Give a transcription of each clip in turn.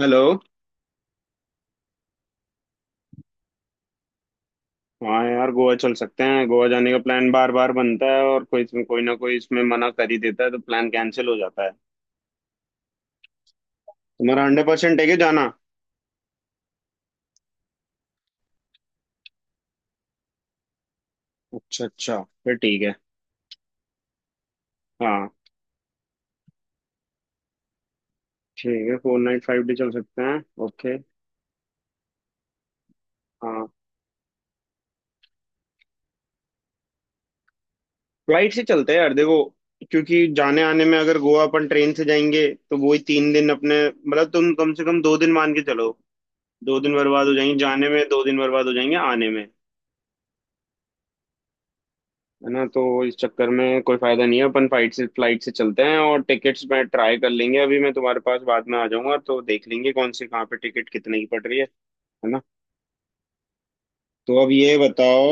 Hello. हाँ यार गोवा चल सकते हैं। गोवा जाने का प्लान बार बार बनता है और कोई कोई ना कोई इसमें मना कर ही देता है तो प्लान कैंसिल हो जाता है। तुम्हारा 100% है कि जाना? अच्छा अच्छा। फिर ठीक है। हाँ। ठीक है फोर नाइट फाइव डे चल सकते हैं। ओके। हाँ। फ्लाइट से चलते हैं यार, देखो, क्योंकि जाने आने में अगर गोवा अपन ट्रेन से जाएंगे तो वही तीन दिन अपने मतलब तुम कम से कम दो दिन मान के चलो। दो दिन बर्बाद हो जाएंगे जाने में, दो दिन बर्बाद हो जाएंगे आने में। है ना। तो इस चक्कर में कोई फायदा नहीं है, अपन फ्लाइट से चलते हैं और टिकट्स मैं ट्राई कर लेंगे। अभी मैं तुम्हारे पास बाद में आ जाऊंगा तो देख लेंगे कौन सी कहाँ पे टिकट कितने की पड़ रही है। है ना। तो अब ये बताओ।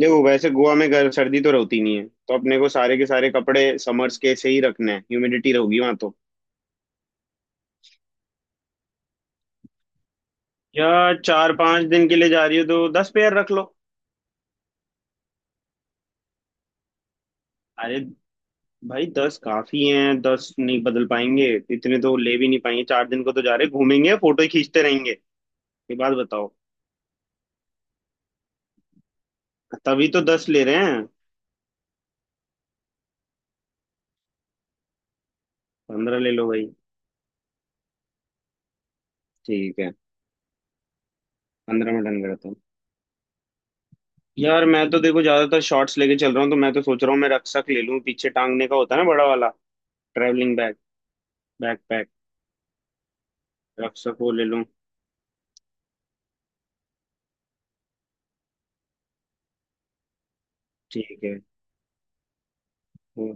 देखो वैसे गोवा में गर्म सर्दी तो रहती नहीं है, तो अपने को सारे के सारे कपड़े समर्स के से ही रखने हैं, ह्यूमिडिटी रहोगी वहां तो। या चार पांच दिन के लिए जा रही हो तो 10 पेयर रख लो। अरे भाई 10 काफी हैं 10 नहीं बदल पाएंगे। इतने तो ले भी नहीं पाएंगे, चार दिन को तो जा रहे, घूमेंगे फोटो खींचते रहेंगे। ये बात बताओ। तभी तो 10 ले रहे हैं। 15 ले लो भाई। ठीक है, 15 में डन करता हूँ। यार मैं तो देखो ज्यादातर शॉर्ट्स लेके चल रहा हूँ, तो मैं तो सोच रहा हूँ मैं रक्षक ले लूँ, पीछे टांगने का होता है ना, बड़ा वाला। Travelling bag. बैकपैक। रक्षक वो ले लूँ। ठीक है। वो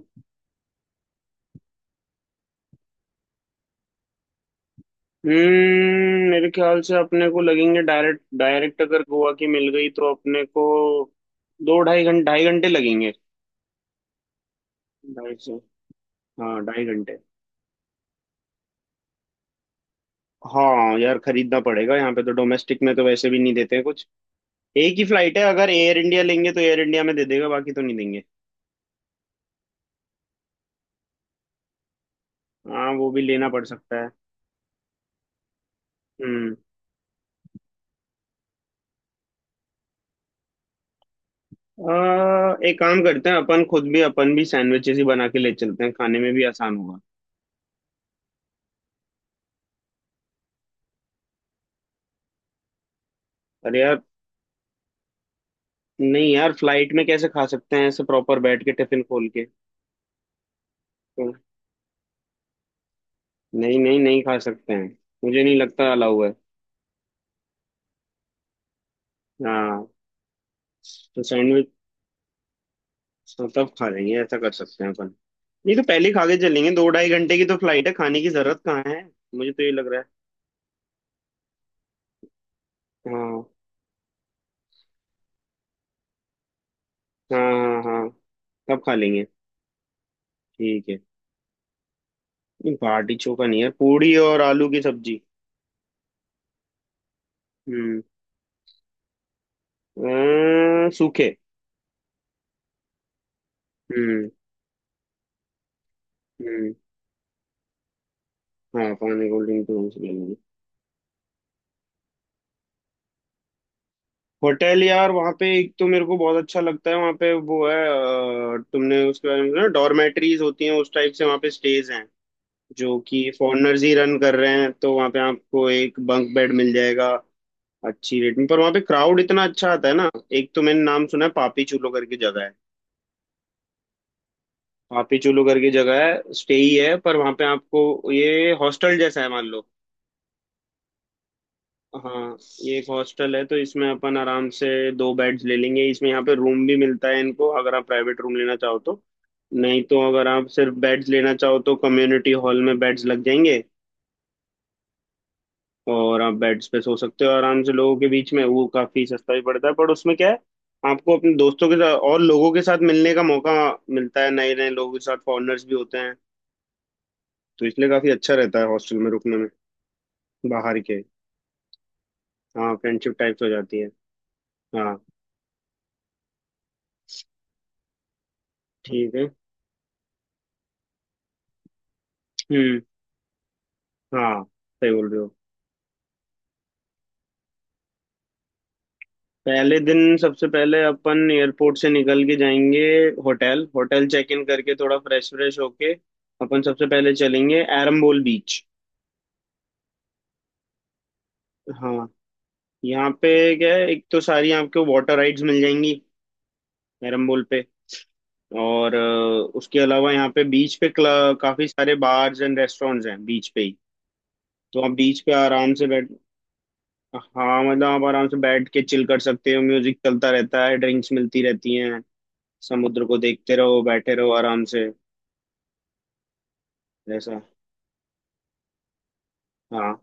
मेरे ख्याल से अपने को लगेंगे डायरेक्ट डायरेक्ट अगर गोवा की मिल गई तो अपने को दो ढाई घंटे लगेंगे। ढाई से। हाँ ढाई घंटे। हाँ यार खरीदना पड़ेगा यहाँ पे, तो डोमेस्टिक में तो वैसे भी नहीं देते कुछ। एक ही फ्लाइट है, अगर एयर इंडिया लेंगे तो एयर इंडिया में दे देगा, बाकी तो नहीं देंगे। हाँ वो भी लेना पड़ सकता है। हम्म एक काम करते हैं, अपन खुद भी अपन भी सैंडविचेस ही बना के ले चलते हैं, खाने में भी आसान होगा। अरे यार। नहीं यार, फ्लाइट में कैसे खा सकते हैं ऐसे प्रॉपर बैठ के टिफिन खोल के। तो, नहीं, नहीं, नहीं खा सकते हैं। मुझे नहीं लगता अलाउ है। हाँ। तो सैंडविच तब खा लेंगे, ऐसा कर सकते हैं अपन। नहीं तो पहले ही खा के चलेंगे, 2 ढाई घंटे की तो फ्लाइट है, खाने की जरूरत कहाँ है। मुझे तो ये लग रहा है। हाँ, हाँ, हाँ, हाँ। तब खा लेंगे। ठीक है। नहीं बाटी चोखा नहीं है, पूड़ी और आलू की सब्जी। हम्म सूखे। हम्म। हम्म। हाँ पानी कोल्ड ड्रिंक तो हमसे ले लेंगे। होटल यार, वहाँ पे एक तो मेरे को बहुत अच्छा लगता है, वहाँ पे वो है तुमने उसके बारे में सुना, डॉर्मेट्रीज होती हैं उस टाइप से, वहाँ पे स्टेज हैं जो कि फॉरेनर्स ही रन कर रहे हैं, तो वहाँ पे आपको एक बंक बेड मिल जाएगा। अच्छी रेट में, पर वहाँ पे क्राउड इतना अच्छा आता है ना। एक तो मैंने नाम सुना है पापी चूलो करके जगह है। पापीचुलू की जगह है, स्टे ही है, पर वहां पे आपको ये हॉस्टल जैसा है मान लो। हाँ। ये एक हॉस्टल है तो इसमें अपन आराम से 2 बेड्स ले लेंगे इसमें, यहाँ पे रूम भी मिलता है इनको अगर आप प्राइवेट रूम लेना चाहो तो। नहीं तो अगर आप सिर्फ बेड्स लेना चाहो तो कम्युनिटी हॉल में बेड्स लग जाएंगे। और आप बेड्स पे सो सकते हो आराम से लोगों के बीच में, वो काफी सस्ता भी पड़ता है, पर उसमें क्या है, आपको अपने दोस्तों के साथ और लोगों के साथ मिलने का मौका मिलता है, नए नए लोगों के साथ, फॉरेनर्स भी होते हैं। तो इसलिए काफी अच्छा रहता है हॉस्टल में रुकने में। बाहर के। हाँ फ्रेंडशिप टाइप्स हो जाती है। हाँ। ठीक है। हम्म। हाँ, सही बोल रहे हो। पहले दिन सबसे पहले अपन एयरपोर्ट से निकल के जाएंगे, होटल होटल चेक इन करके, थोड़ा फ्रेश फ्रेश होके अपन सबसे पहले चलेंगे एरम्बोल बीच। हाँ। यहाँ पे क्या है, एक तो सारी आपको वाटर राइड्स मिल जाएंगी एरम्बोल पे। और उसके अलावा यहाँ पे बीच पे काफी सारे बार्स एंड रेस्टोरेंट्स हैं, बीच पे ही। तो आप बीच पे आराम से बैठ। हाँ, मतलब आप आराम से बैठ के चिल कर सकते हो, म्यूजिक चलता रहता है, ड्रिंक्स मिलती रहती हैं। समुद्र को देखते रहो, बैठे रहो आराम से। ऐसा। हाँ।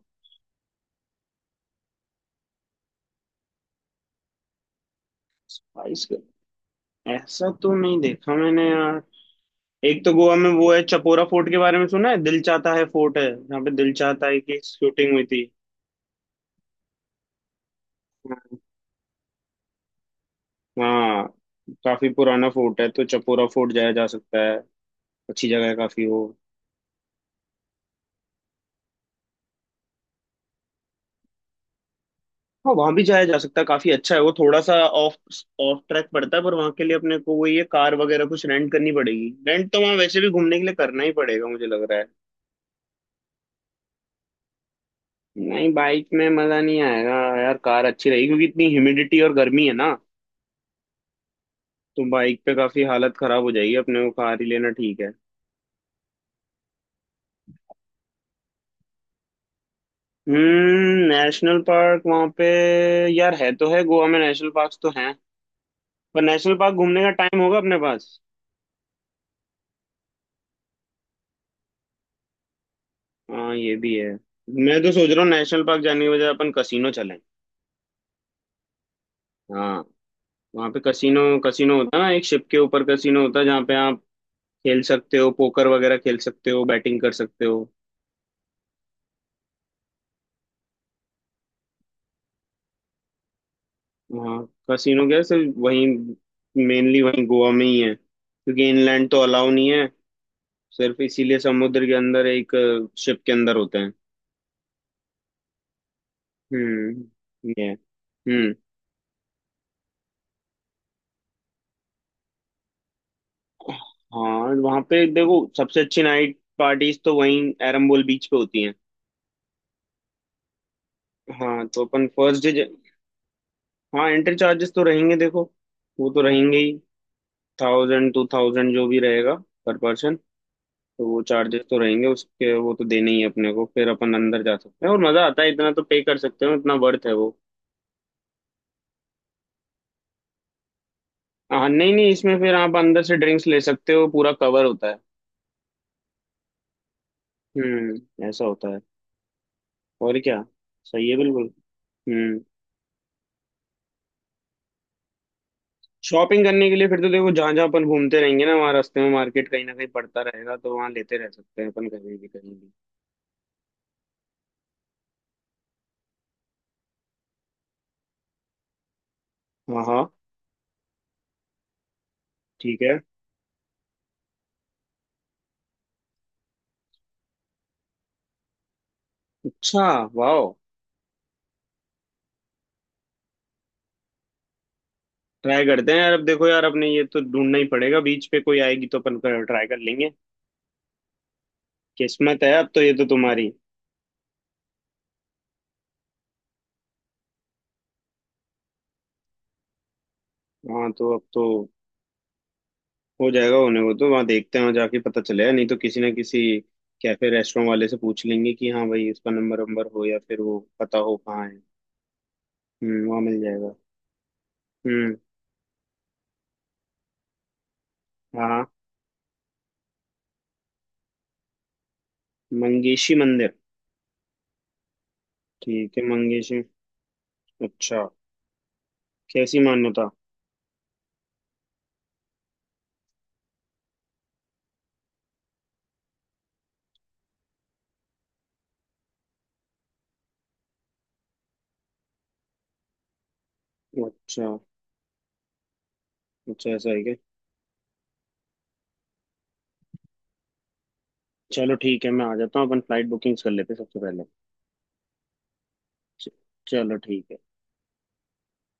स्पाइस। ऐसा तो नहीं देखा मैंने यार। एक तो गोवा में वो है, चपोरा फोर्ट के बारे में सुना है, दिल चाहता है फोर्ट है यहाँ पे, दिल चाहता है की शूटिंग हुई थी। हाँ। काफी पुराना फोर्ट है, तो चपोरा फोर्ट जाया जा सकता है। अच्छी जगह है काफी वो। हाँ वहां भी जाया जा सकता है, काफी अच्छा है वो, थोड़ा सा ऑफ ऑफ ट्रैक पड़ता है, पर वहां के लिए अपने को वो ये कार वगैरह कुछ रेंट करनी पड़ेगी, रेंट तो वहां वैसे भी घूमने के लिए करना ही पड़ेगा, मुझे लग रहा है। नहीं, बाइक में मजा नहीं आएगा यार, कार अच्छी रहेगी, क्योंकि इतनी ह्यूमिडिटी और गर्मी है ना। तो बाइक पे काफी हालत खराब हो जाएगी, अपने को कार ही लेना ठीक है। नेशनल पार्क वहां पे। यार है तो है, गोवा में नेशनल पार्क तो हैं, पर नेशनल पार्क घूमने का टाइम होगा अपने पास? हाँ ये भी है। मैं तो सोच रहा हूँ नेशनल पार्क जाने के बजाय अपन कसिनो चलें। हाँ वहाँ पे कसिनो। कसिनो होता है ना, एक शिप के ऊपर कसिनो होता है, जहाँ पे आप खेल सकते हो, पोकर वगैरह खेल सकते हो, बैटिंग कर सकते हो। वहाँ। कसिनो क्या है, सिर्फ वहीं मेनली, वहीं गोवा में ही है, क्योंकि इनलैंड तो अलाउ नहीं है। सिर्फ इसीलिए समुद्र के अंदर एक शिप के अंदर होते हैं। ये है। हम्म। हाँ वहाँ पे देखो, सबसे अच्छी नाइट पार्टीज तो वहीं एरम्बोल बीच पे होती हैं। हाँ तो अपन फर्स्ट डे। हाँ एंट्री चार्जेस तो रहेंगे, देखो, वो तो रहेंगे ही। 1000 टू 2000 जो भी रहेगा, पर पर्सन। तो वो चार्जेस तो रहेंगे उसके, वो तो देने ही हैं अपने को, फिर अपन अंदर जा सकते हैं और मजा आता है, इतना तो पे कर सकते हो, इतना वर्थ है वो। हाँ, नहीं, नहीं, इसमें फिर आप अंदर से ड्रिंक्स ले सकते हो, पूरा कवर होता है। ऐसा होता है। और क्या। सही है बिल्कुल। हम्म शॉपिंग करने के लिए फिर तो देखो, जहां जहां अपन घूमते रहेंगे ना, वहाँ रास्ते में मार्केट कहीं ना कहीं पड़ता रहेगा, तो वहां लेते रह सकते हैं अपन कहीं भी कहीं भी। हाँ, हाँ। ठीक है। अच्छा। वाह। ट्राई करते हैं यार, अब देखो यार, अपने ये तो ढूंढना ही पड़ेगा, बीच पे कोई आएगी तो अपन ट्राई कर लेंगे। किस्मत है अब तो ये तो तुम्हारी। हाँ तो अब तो हो जाएगा, होने को तो, वहाँ देखते हैं, वहाँ जाके पता चलेगा, नहीं तो किसी ना किसी कैफे रेस्टोरेंट वाले से पूछ लेंगे कि हाँ भाई इसका नंबर वंबर हो या फिर वो पता हो कहाँ है। वहाँ मिल जाएगा। हम्म। हाँ, हाँ, मंगेशी मंदिर। ठीक है मंगेशी। अच्छा। कैसी मान्यता? अच्छा। अच्छा ऐसा है क्या? चलो ठीक है, मैं आ जाता हूँ, अपन फ्लाइट बुकिंग्स कर लेते हैं सबसे पहले। च- चलो ठीक है।